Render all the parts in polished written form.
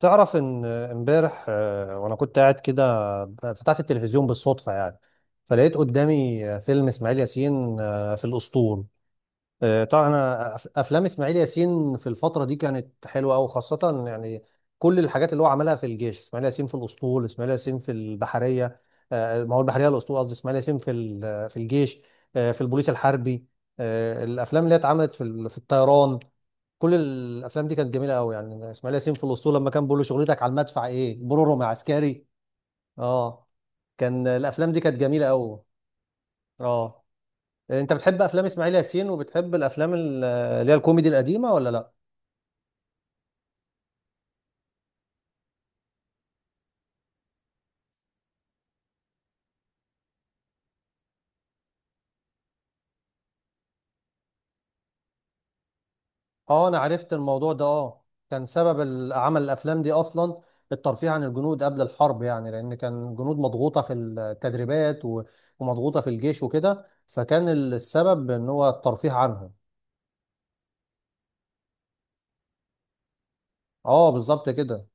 تعرف ان امبارح وانا كنت قاعد كده. فتحت التلفزيون بالصدفه يعني. فلقيت قدامي فيلم اسماعيل ياسين في الاسطول. طبعا انا افلام اسماعيل ياسين في الفتره دي كانت حلوه قوي خاصه يعني. كل الحاجات اللي هو عملها في الجيش، اسماعيل ياسين في الاسطول، اسماعيل ياسين في البحريه. ما هو البحريه الاسطول قصدي اسماعيل ياسين في الجيش، في البوليس الحربي، الافلام اللي هي اتعملت في الطيران. كل الافلام دي كانت جميله قوي يعني. اسماعيل ياسين في الاسطول لما كان بيقول له شغلتك على المدفع ايه، برورو مع عسكري. اه، كان الافلام دي كانت جميله قوي. اه، انت بتحب افلام اسماعيل ياسين وبتحب الافلام اللي هي الكوميدي القديمه ولا لا؟ اه، انا عرفت الموضوع ده. اه، كان سبب عمل الافلام دي اصلا الترفيه عن الجنود قبل الحرب يعني، لان كان الجنود مضغوطه في التدريبات و- ومضغوطه في الجيش وكده، فكان السبب ان هو الترفيه عنهم. اه، بالظبط كده.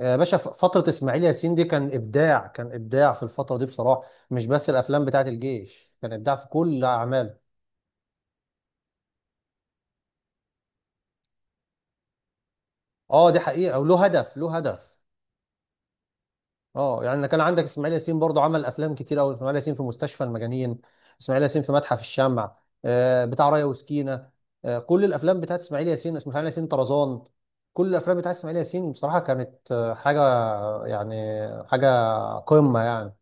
يا باشا، فترة إسماعيل ياسين دي كان إبداع، كان إبداع في الفترة دي بصراحة. مش بس الأفلام بتاعت الجيش، كان إبداع في كل أعماله. أه، دي حقيقة، وله هدف، له هدف. أه يعني كان عندك إسماعيل ياسين برضو عمل أفلام كتير أوي. إسماعيل ياسين في مستشفى المجانين، إسماعيل ياسين في متحف الشمع، آه بتاع رايا وسكينة، آه كل الأفلام بتاعت إسماعيل ياسين، إسماعيل ياسين طرزان. كل الأفلام بتاعت إسماعيل ياسين بصراحة كانت حاجة يعني، حاجة قمة يعني.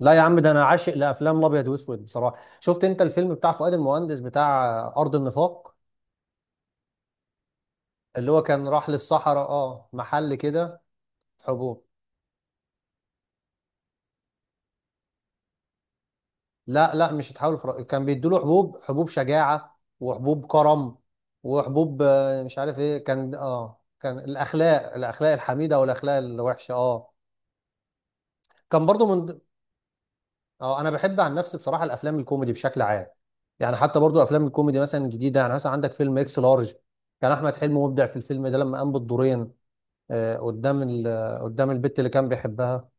لا يا عم، ده انا عاشق لافلام الابيض واسود بصراحه. شفت انت الفيلم بتاع فؤاد المهندس بتاع ارض النفاق؟ اللي هو كان راح للصحراء، اه محل كده. حبوب، لا لا، مش هتحاول فر... كان بيدوله حبوب، حبوب شجاعه وحبوب كرم وحبوب مش عارف ايه، كان اه كان الاخلاق، الاخلاق الحميده والاخلاق الوحشه اه. كان برضو من، اه انا بحب عن نفسي بصراحه الافلام الكوميدي بشكل عام يعني. حتى برضو افلام الكوميدي مثلا الجديده، يعني مثلا عندك فيلم اكس لارج، كان احمد حلمي مبدع في الفيلم ده لما قام بالدورين، آه، قدام ال- آه، قدام البت اللي كان بيحبها.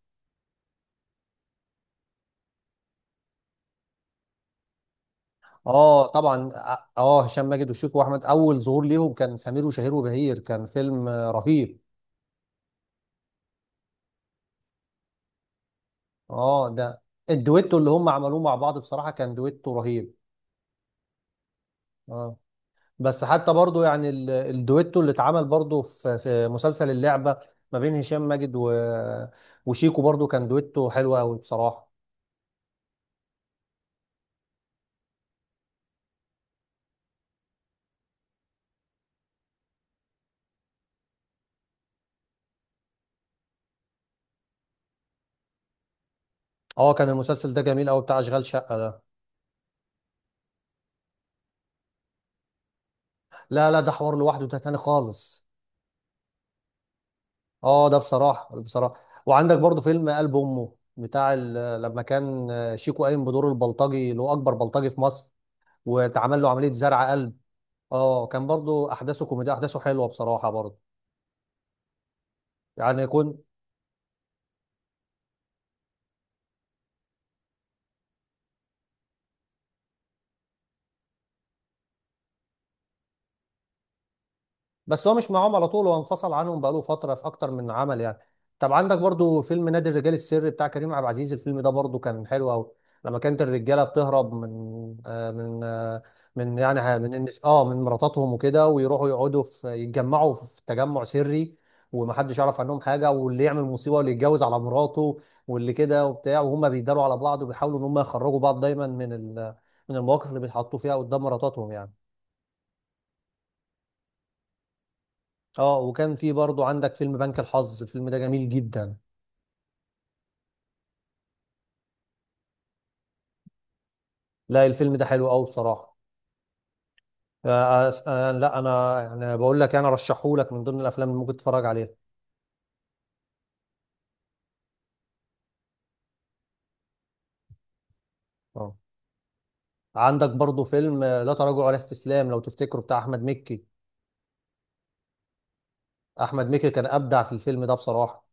اه طبعا، اه هشام ماجد وشيكو واحمد، اول ظهور ليهم كان سمير وشهير وبهير، كان فيلم رهيب. اه ده، الدويتو اللي هم عملوه مع بعض بصراحه كان دويتو رهيب. اه، بس حتى برضو يعني الدويتو اللي اتعمل برضو في في مسلسل اللعبة، ما بين هشام ماجد و... وشيكو، برضو كان دويتو حلو قوي بصراحة. اه، كان المسلسل ده جميل قوي بتاع اشغال شقة ده. لا لا، ده حوار لوحده، ده تاني خالص. اه، ده بصراحة، بصراحة. وعندك برضو فيلم قلب امه بتاع ال... لما كان شيكو قايم بدور البلطجي اللي هو اكبر بلطجي في مصر واتعمل له عملية زرع قلب. اه، كان برضو احداثه كوميديا، احداثه حلوة بصراحة برضو يعني. كنت، بس هو مش معاهم على طول، هو انفصل عنهم بقاله فترة في أكتر من عمل يعني. طب عندك برضو فيلم نادي الرجال السري بتاع كريم عبد العزيز، الفيلم ده برضو كان حلو أوي. لما كانت الرجالة بتهرب من آه من آه يعني اه من مراتاتهم وكده، ويروحوا يقعدوا في يتجمعوا في تجمع سري ومحدش يعرف عنهم حاجة، واللي يعمل مصيبة واللي يتجوز على مراته واللي كده وبتاع، وهم بيداروا على بعض وبيحاولوا إن هم يخرجوا بعض دايما من من المواقف اللي بيتحطوا فيها قدام مراتاتهم يعني. اه، وكان في برضو عندك فيلم بنك الحظ، الفيلم ده جميل جدا. لا، الفيم ده حلو قوي بصراحة. لا انا يعني بقول لك انا رشحه لك من ضمن الافلام اللي ممكن تتفرج عليها. اه، عندك برضو فيلم لا تراجع ولا استسلام، لو تفتكره، بتاع احمد مكي. احمد مكي كان ابدع في الفيلم ده بصراحة.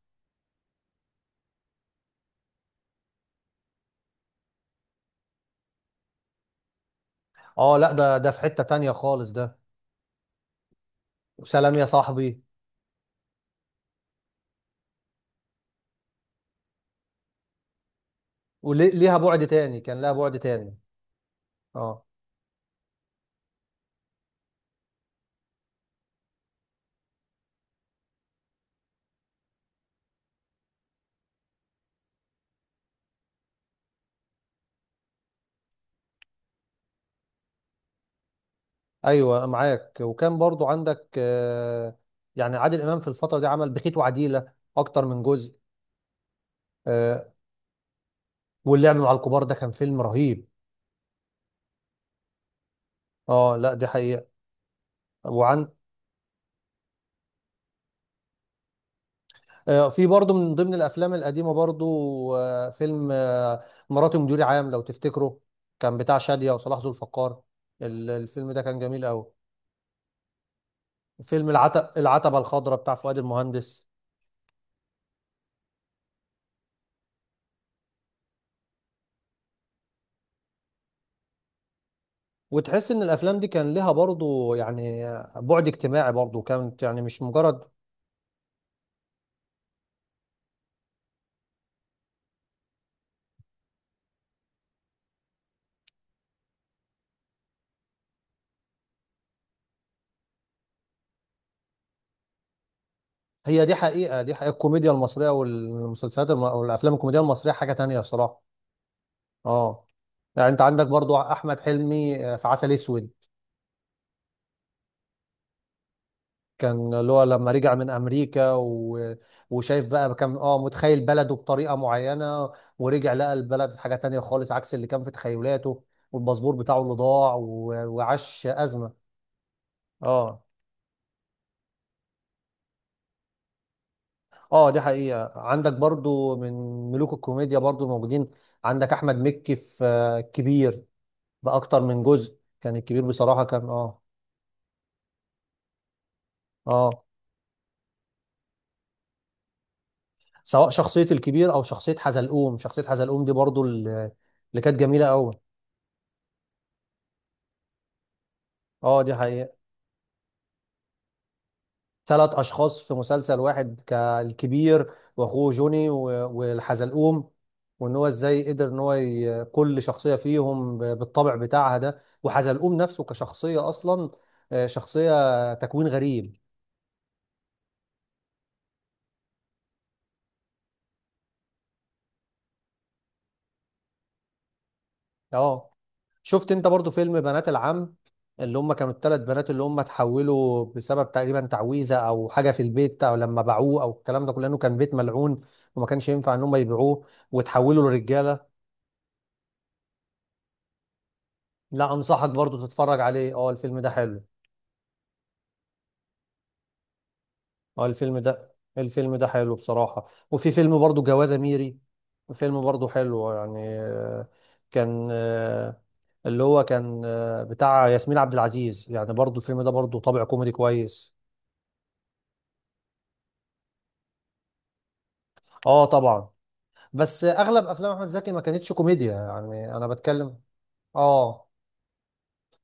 اه لا، ده ده في حتة تانية خالص ده. وسلام يا صاحبي، وليها بعد تاني، كان لها بعد تاني. اه ايوه معاك. وكان برضو عندك يعني عادل امام في الفترة دي عمل بخيت وعديلة اكتر من جزء. آه، واللعب مع الكبار ده كان فيلم رهيب. اه، لا دي حقيقة. وعن في برضه من ضمن الافلام القديمة برضه فيلم مراتي مديري عام لو تفتكره، كان بتاع شادية وصلاح ذو الفقار. الفيلم ده كان جميل قوي. فيلم العتبة الخضراء بتاع فؤاد المهندس. وتحس ان الافلام دي كان لها برضه يعني بعد اجتماعي برضه، كانت يعني مش مجرد. هي دي حقيقة، دي حقيقة. الكوميديا المصرية والمسلسلات والافلام الكوميدية المصرية حاجة تانية الصراحة. اه يعني انت عندك برضو احمد حلمي في عسل اسود. كان اللي هو لما رجع من امريكا و... وشايف بقى، كان اه متخيل بلده بطريقه معينه، ورجع لقى البلد حاجه تانية خالص عكس اللي كان في تخيلاته، والباسبور بتاعه اللي ضاع و... وعاش ازمه. اه اه، دي حقيقه. عندك برضو من ملوك الكوميديا برضو موجودين، عندك احمد مكي في كبير، باكتر من جزء، كان الكبير بصراحه كان اه. اه، سواء شخصية الكبير أو شخصية حزلقوم، شخصية حزلقوم دي برضو اللي كانت جميلة أوي. أه، دي حقيقة. ثلاث أشخاص في مسلسل واحد، كالكبير وأخوه جوني والحزلقوم، وإن هو إزاي قدر إن هو كل شخصية فيهم بالطبع بتاعها ده، وحزلقوم نفسه كشخصية أصلا شخصية تكوين غريب. أه، شفت انت برضو فيلم بنات العم، اللي هم كانوا الثلاث بنات اللي هم اتحولوا بسبب تقريبا تعويذه او حاجه في البيت او لما باعوه او الكلام ده كله، لانه كان بيت ملعون وما كانش ينفع ان هم يبيعوه، وتحولوا لرجاله؟ لا، انصحك برضو تتفرج عليه. اه، الفيلم ده حلو. اه، الفيلم ده، الفيلم ده حلو بصراحه. وفي فيلم برضو جوازه ميري، فيلم برضو حلو يعني. آه، كان آه، اللي هو كان آه، بتاع ياسمين عبد العزيز، يعني برضو الفيلم ده برضو طابع كوميدي كويس. اه طبعا، بس اغلب افلام احمد زكي ما كانتش كوميديا يعني، انا بتكلم. اه،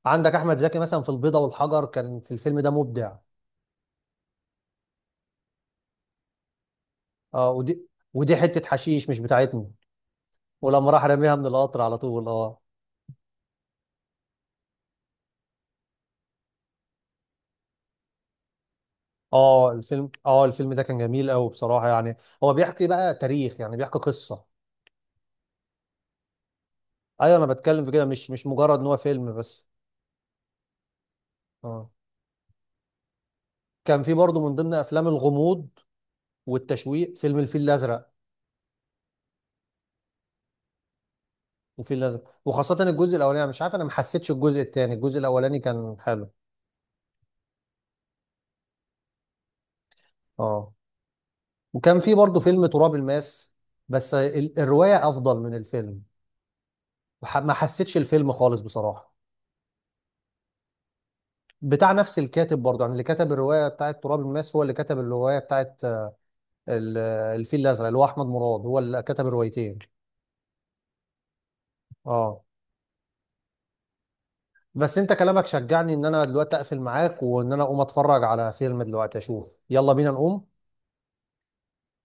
عندك احمد زكي مثلا في البيضة والحجر، كان في الفيلم ده مبدع. اه، ودي ودي حتة حشيش مش بتاعتنا، ولما راح رميها من القطر على طول اه. اه، الفيلم ده كان جميل قوي بصراحة يعني. هو بيحكي بقى تاريخ، يعني بيحكي قصة. ايوه، انا بتكلم في كده، مش مش مجرد ان هو فيلم بس. اه، كان في برضه من ضمن افلام الغموض والتشويق فيلم الفيل الازرق. وفيل الازرق وخاصه الجزء الاولاني، مش عارف انا ما حسيتش الجزء الثاني، الجزء الاولاني كان حلو. اه، وكان في برضه فيلم تراب الماس، بس الروايه افضل من الفيلم. ما حسيتش الفيلم خالص بصراحه. بتاع نفس الكاتب برضه، يعني اللي كتب الروايه بتاعت تراب الماس هو اللي كتب الروايه بتاعت الفيل الازرق، اللي هو احمد مراد، هو اللي كتب الروايتين. اه، بس انت كلامك شجعني ان انا دلوقتي اقفل معاك وان انا اقوم اتفرج على فيلم دلوقتي اشوف، يلا بينا نقوم.